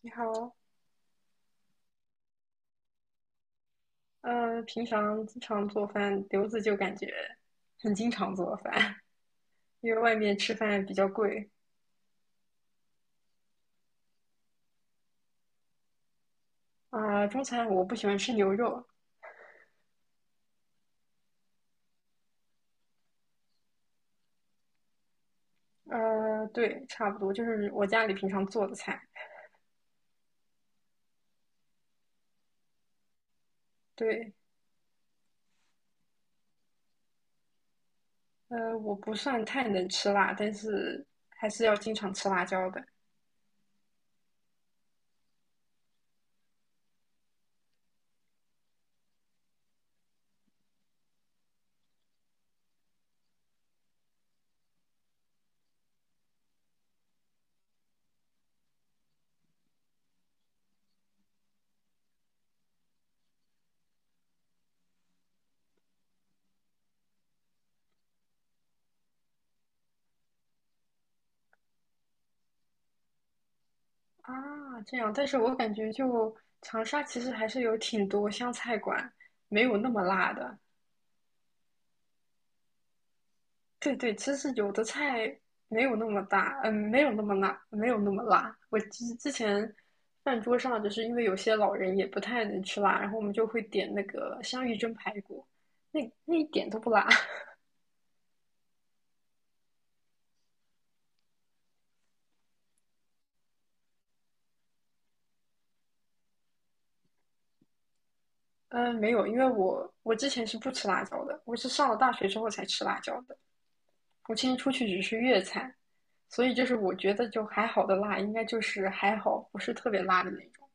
你好。平常经常做饭，刘子就感觉很经常做饭。因为外面吃饭比较贵。啊，中餐我不喜欢吃牛肉。对，差不多就是我家里平常做的菜。对。我不算太能吃辣，但是还是要经常吃辣椒的啊。这样，但是我感觉就长沙其实还是有挺多湘菜馆，没有那么辣的。对对，其实有的菜没有那么大，没有那么辣，没有那么辣。我之前饭桌上，就是因为有些老人也不太能吃辣，然后我们就会点那个香芋蒸排骨，那一点都不辣。嗯，没有，因为我之前是不吃辣椒的，我是上了大学之后才吃辣椒的。我之前出去只吃粤菜，所以就是我觉得就还好的辣，应该就是还好，不是特别辣的那种。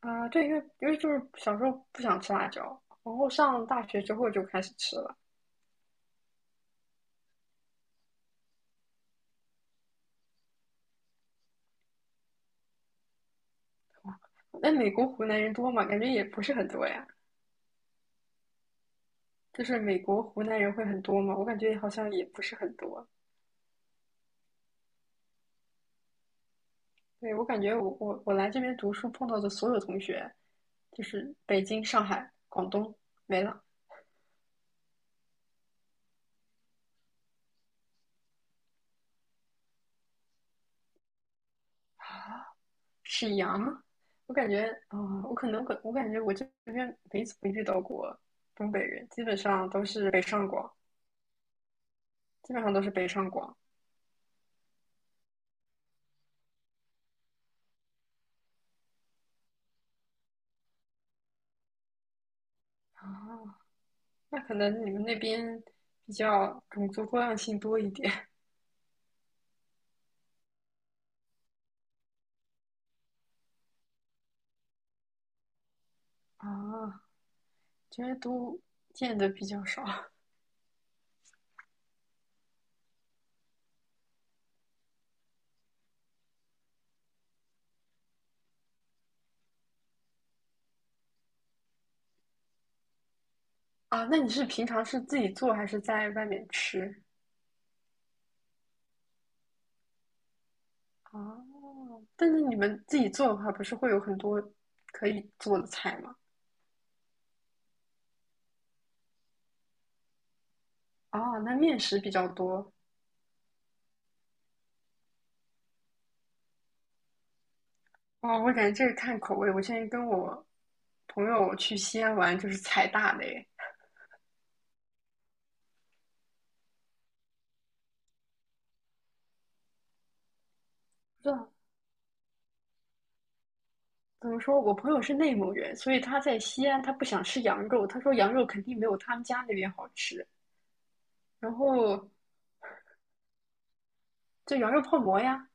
啊，对，因为就是小时候不想吃辣椒，然后上大学之后就开始吃了。那美国湖南人多吗？感觉也不是很多呀。就是美国湖南人会很多吗？我感觉好像也不是很多。对，我感觉我来这边读书碰到的所有同学，就是北京、上海、广东没了，沈阳。我感觉啊、我可能我感觉我这边没怎么遇到过东北人，基本上都是北上广，基本上都是北上广啊。那可能你们那边比较种族多样性多一点 啊，觉得都见的比较少啊。那你是平常是自己做还是在外面吃啊？但是你们自己做的话，不是会有很多可以做的菜吗？哦，那面食比较多哦。我感觉这个看口味。我现在跟我朋友去西安玩，就是踩大雷。不知道怎么说，我朋友是内蒙人，所以他在西安，他不想吃羊肉。他说羊肉肯定没有他们家那边好吃。然后就羊肉泡馍呀，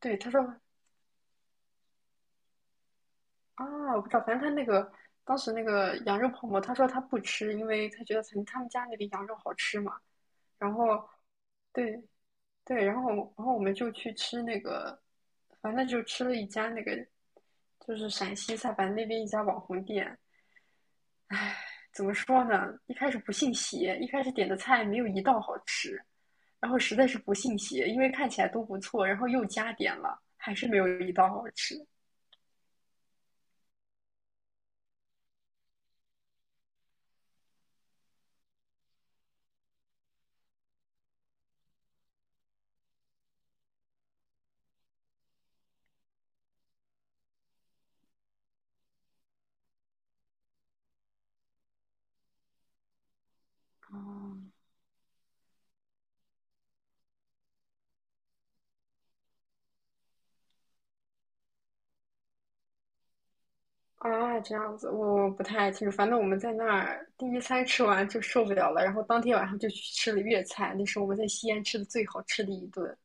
对，他说啊，我不知道，反正他那个当时那个羊肉泡馍，他说他不吃，因为他觉得可能他们家那里羊肉好吃嘛。然后，对对，然后我们就去吃那个，反正就吃了一家那个，就是陕西菜，反正那边一家网红店。怎么说呢？一开始不信邪，一开始点的菜没有一道好吃，然后实在是不信邪，因为看起来都不错，然后又加点了，还是没有一道好吃。哦，啊，这样子我不太清楚。反正我们在那儿第一餐吃完就受不了了，然后当天晚上就去吃了粤菜，那是我们在西安吃的最好吃的一顿。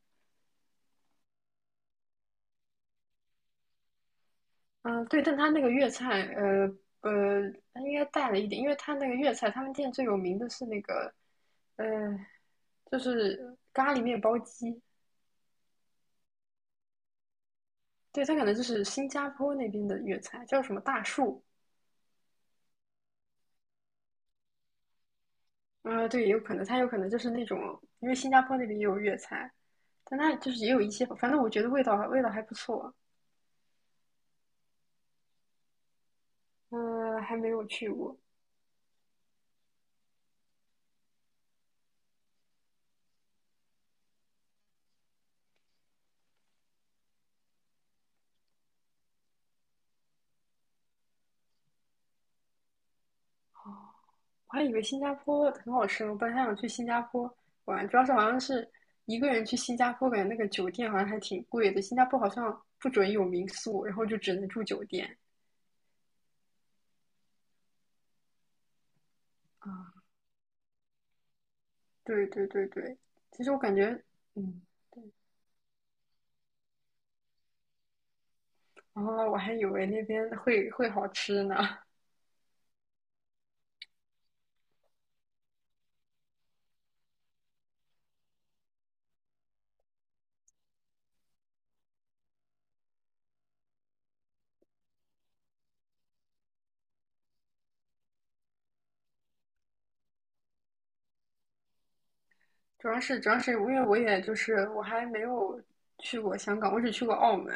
嗯，对，但他那个粤菜，他应该带了一点，因为他那个粤菜，他们店最有名的是那个，呃，就是咖喱面包鸡。对，他可能就是新加坡那边的粤菜，叫什么大树。嗯，对，有可能，他有可能就是那种，因为新加坡那边也有粤菜，但它就是也有一些，反正我觉得味道还不错。嗯、还没有去过。哦，我还以为新加坡很好吃呢，我本来还想去新加坡玩，主要是好像是一个人去新加坡，感觉那个酒店好像还挺贵的，新加坡好像不准有民宿，然后就只能住酒店。啊，对对对对，其实我感觉，嗯，对，然后我还以为那边会好吃呢。主要是因为我也就是我还没有去过香港，我只去过澳门，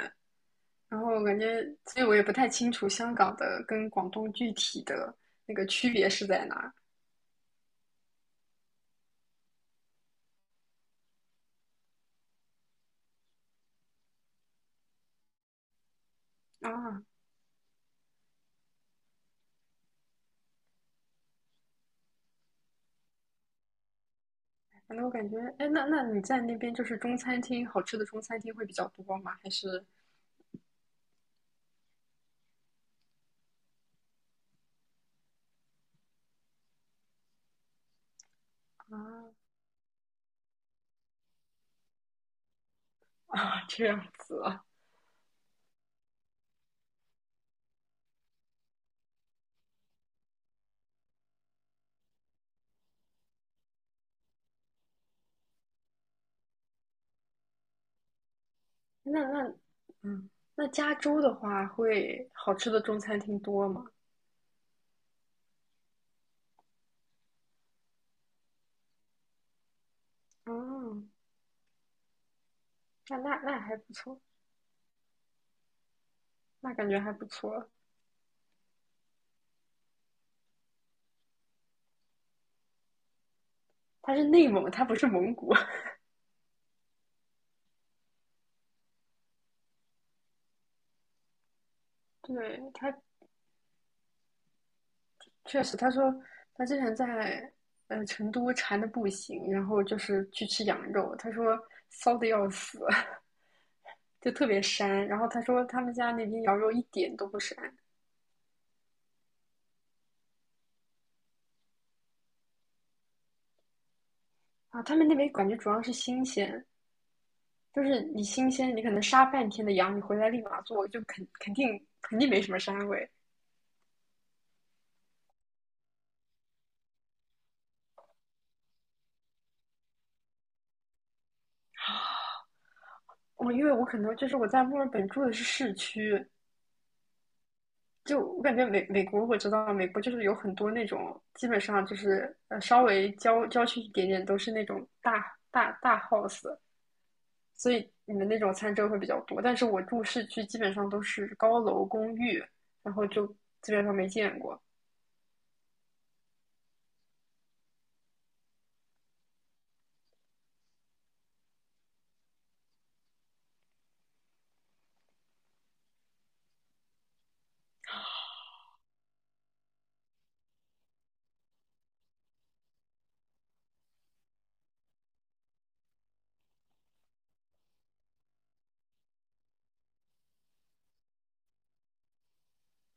然后我感觉，所以我也不太清楚香港的跟广东具体的那个区别是在哪儿啊。反正我感觉，哎，那你在那边就是中餐厅好吃的中餐厅会比较多吗？还是啊？啊，这样子啊？那嗯，那加州的话会好吃的中餐厅多吗？嗯，那还不错，那感觉还不错。它是内蒙，它不是蒙古。对，他确实，他说他之前在成都馋的不行，然后就是去吃羊肉，他说骚的要死。就特别膻。然后他说他们家那边羊肉一点都不膻啊，他们那边感觉主要是新鲜，就是你新鲜，你可能杀半天的羊，你回来立马做，就肯定没什么膻味。我因为我可能就是我在墨尔本住的是市区，就我感觉美国，我知道美国就是有很多那种，基本上就是稍微郊区一点点都是那种大大大 house，所以你们那种餐车会比较多。但是我住市区基本上都是高楼公寓，然后就基本上没见过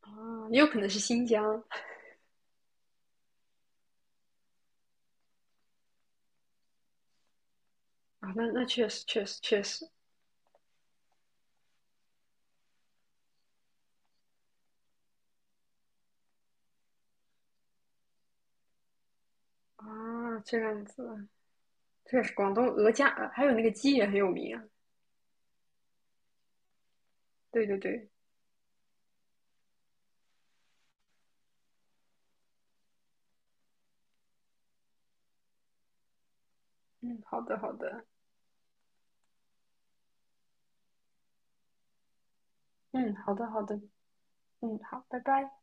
啊，也有可能是新疆啊，那确实确实确实啊，这样子确实广东鹅架还有那个鸡也很有名啊，对对对，嗯，好的好的，嗯好的好的，嗯好，拜拜。